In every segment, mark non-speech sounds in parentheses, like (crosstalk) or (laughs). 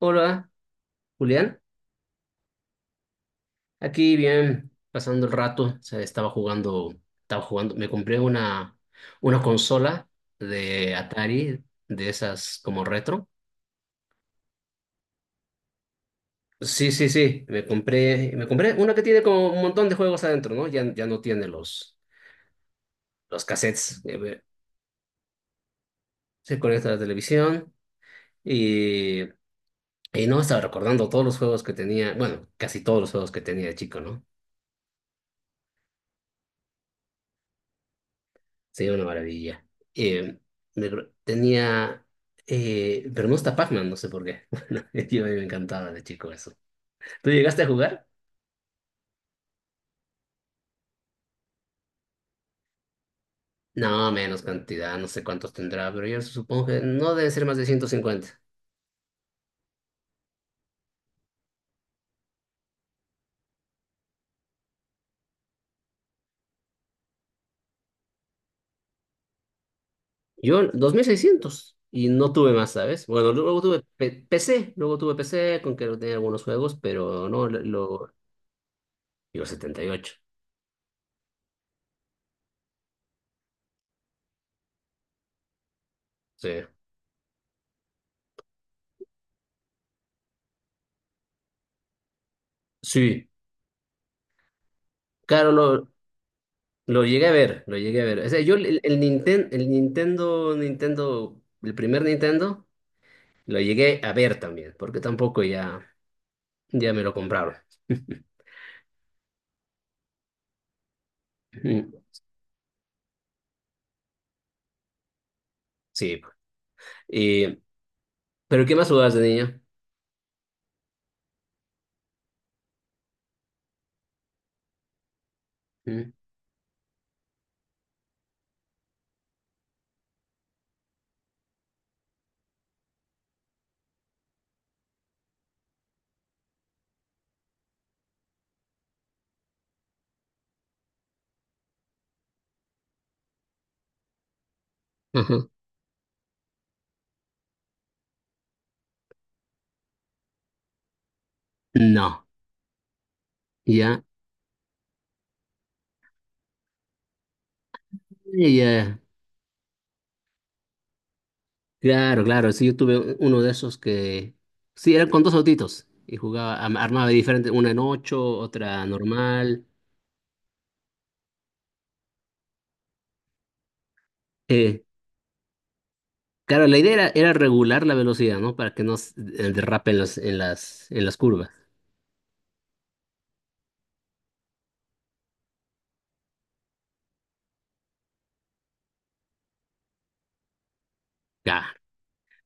Hola, Julián. Aquí bien, pasando el rato. O sea, estaba jugando, estaba jugando. Me compré una consola de Atari, de esas como retro. Sí, sí, sí. Me compré una que tiene como un montón de juegos adentro, ¿no? Ya, ya no tiene los cassettes. Se conecta a la televisión y, y no estaba recordando todos los juegos que tenía. Bueno, casi todos los juegos que tenía de chico, ¿no? Sí, una maravilla. Eh, tenía, pero no está Pac-Man, no sé por qué. (laughs) Bueno, yo a mí me encantaba de chico eso. ¿Tú llegaste a jugar? No, menos cantidad, no sé cuántos tendrá, pero yo supongo que no debe ser más de 150. Yo, 2600 y no tuve más, ¿sabes? Bueno, PC, luego tuve PC con que tenía algunos juegos, pero no, yo 78. Sí. Sí. Claro, lo, Lo llegué a ver, lo llegué a ver. O sea, yo el Nintendo, Nintendo, el primer Nintendo, lo llegué a ver también, porque tampoco ya, ya me lo compraron. (laughs) Mm. Sí. Y- ¿Pero qué más jugabas de niño? Mm. Ajá. No, ya, ya. Claro, claro, sí, uno de esos que, sí, eran con dos autitos y jugaba, armaba diferente, una en ocho, otra normal. eh, Claro, la idea era regular la velocidad, ¿no? Para que no derrape en las, en las, en las curvas. Ya.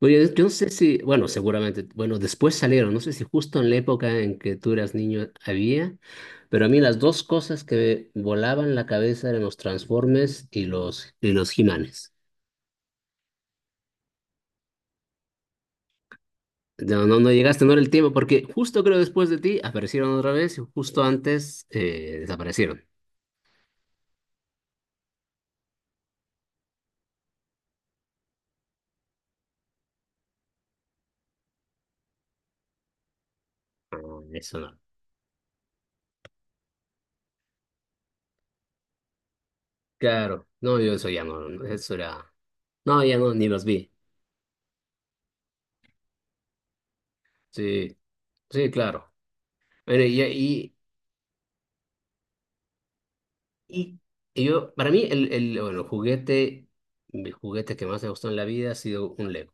Oye, yo no sé si, bueno, seguramente, bueno, después salieron, no sé si justo en la época en que tú eras niño había, pero a mí las dos cosas que me volaban la cabeza eran los Transformers y los He-Manes. No, no, no llegaste, no era el tiempo, porque justo creo después de ti aparecieron otra vez y justo antes desaparecieron. Ah. Eso no. Claro, no, yo eso ya no, no, eso era. No, ya no, ni los vi. Sí, sí, claro. Bueno, y, y, y- y yo, para mí, bueno, el juguete, mi juguete que más me gustó en la vida ha sido un Lego.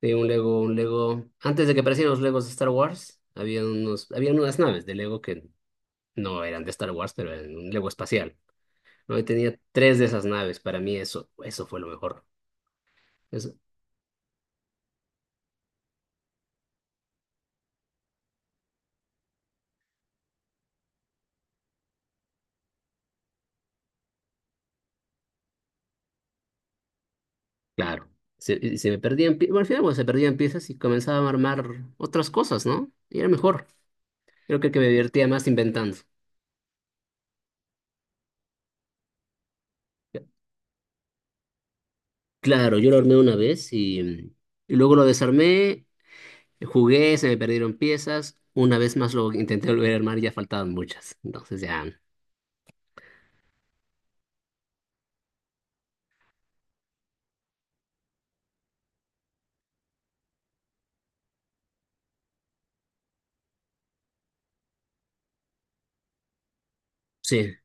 Sí, un Lego. Antes de que aparecieran los Legos de Star Wars, había unos, había unas naves de Lego que no eran de Star Wars, pero eran un Lego espacial, ¿no? Y tenía tres de esas naves. Para mí, eso fue lo mejor. Eso, claro. Y se me perdían, bueno, al final, bueno, se perdían piezas y comenzaba a armar otras cosas, ¿no? Y era mejor. Creo que me divertía más inventando. Claro, yo lo armé una vez y luego lo desarmé, jugué, se me perdieron piezas. Una vez más lo intenté volver a armar y ya faltaban muchas. Entonces ya, sí,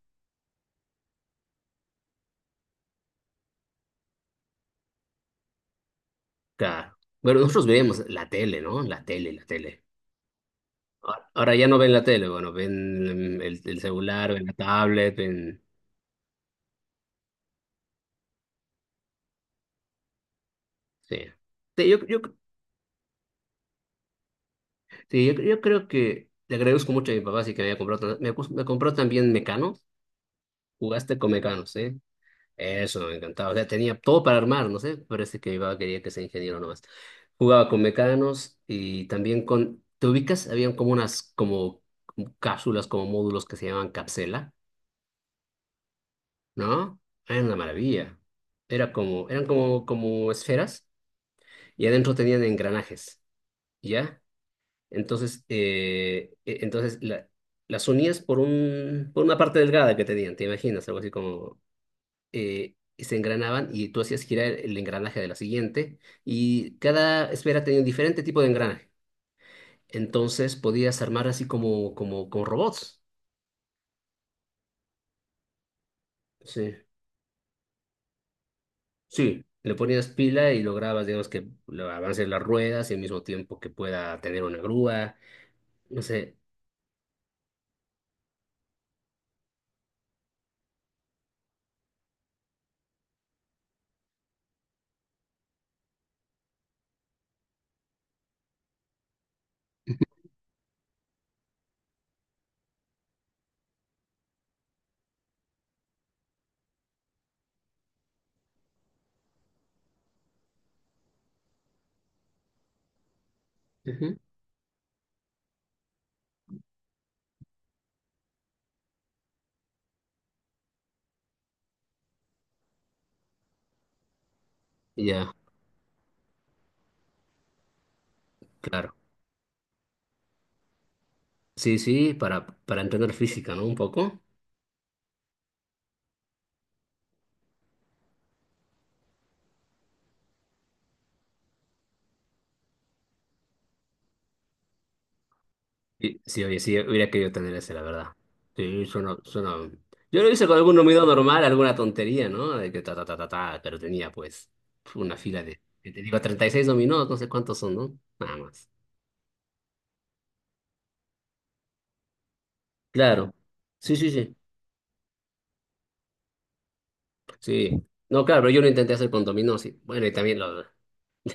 claro. Bueno, nosotros veíamos la tele, ¿no? La tele, la tele. Ahora ya no ven la tele, bueno, ven el celular, ven la tablet, ven... Sí. Sí, sí, yo creo que le agradezco mucho a mi papá, así que me había comprado... me compró también Mecanos. Jugaste con Mecanos, ¿eh? Eso, me encantaba. O sea, tenía todo para armar, no sé. Parece que mi papá quería que sea ingeniero nomás. Jugaba con mecanos y también con... ¿Te ubicas? Habían como unas como cápsulas, como módulos que se llamaban cápsula, ¿no? Era una maravilla. Eran como, como esferas y adentro tenían engranajes, ¿ya? Entonces, las unías por por una parte delgada que tenían, ¿te imaginas? Algo así como se engranaban y tú hacías girar el engranaje de la siguiente y cada esfera tenía un diferente tipo de engranaje. Entonces podías armar así como robots. Sí, sí. Le ponías pila y lograbas, digamos, que avance las ruedas y al mismo tiempo que pueda tener una grúa. No sé. Ujú. Ya, claro. Sí, sí, para entender física, ¿no? Un poco. Sí, sí, oye, sí, hubiera querido tener ese, la verdad. Sí, suena. Yo lo hice con algún ruido normal, alguna tontería, ¿no? De que ta, ta, ta, ta, ta, pero tenía pues una fila de, que te digo, 36 dominó, no sé cuántos son, ¿no? Nada más. Claro. Sí, sí, sí. Sí. No, claro, pero yo lo intenté hacer con dominó, sí. Bueno, y también (laughs) lo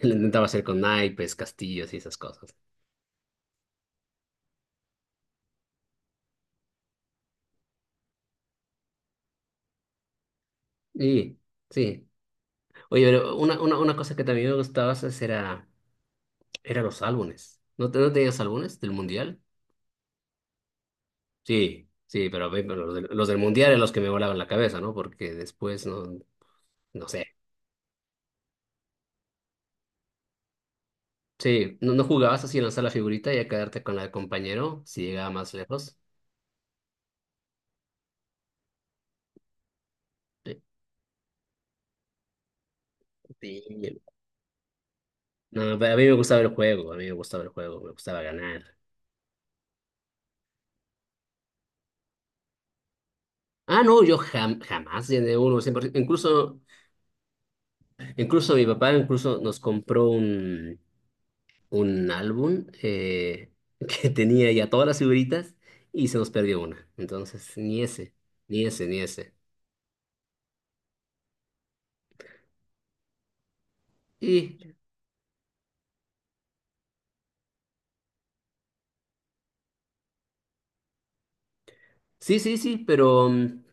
intentaba hacer con naipes, castillos y esas cosas. Sí, sí. Oye, pero una cosa que también me gustaba hacer era los álbumes. ¿No, no tenías álbumes del mundial? Sí, sí, pero, ve, pero los del Mundial eran los que me volaban la cabeza, ¿no? Porque después no, no sé. Sí, no, no jugabas así en lanzar la figurita y a quedarte con la del compañero si llegaba más lejos. Sí. Sí. No, pero a mí me gustaba el juego, a mí me gustaba el juego, me gustaba ganar. Ah, no, jamás llené uno, siempre, incluso, incluso mi papá incluso nos compró un álbum que (laughs) tenía ya todas las figuritas y se nos perdió una. Entonces, ni ese, ni ese, ni ese. Y sí, sí, sí, pero, mm,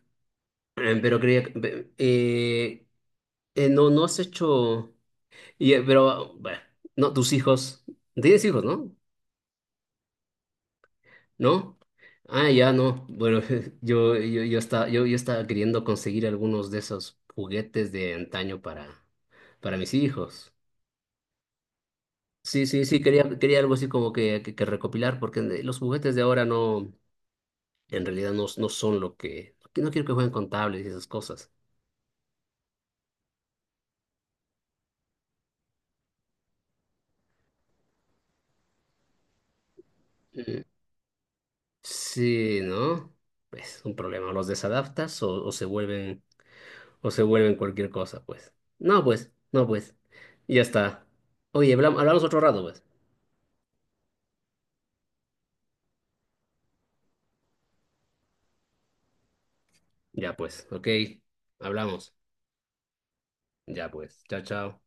eh, pero creía, no, no has hecho, y, pero, bueno, no, tienes hijos, ¿no? ¿No? Ah, ya, no, bueno, (laughs) yo estaba, yo estaba queriendo conseguir algunos de esos juguetes de antaño para mis hijos. Sí, sí, sí, quería algo así como que recopilar, porque los juguetes de ahora no, en realidad no, no son lo que, no quiero que jueguen con tablets y esas cosas. Sí, ¿no? Pues un problema, los desadaptas o se vuelven cualquier cosa, pues. No, pues, no, pues. Ya está. Oye, hablamos otro rato, pues. Ya, pues, ok. Hablamos. Ya, pues. Chao, chao.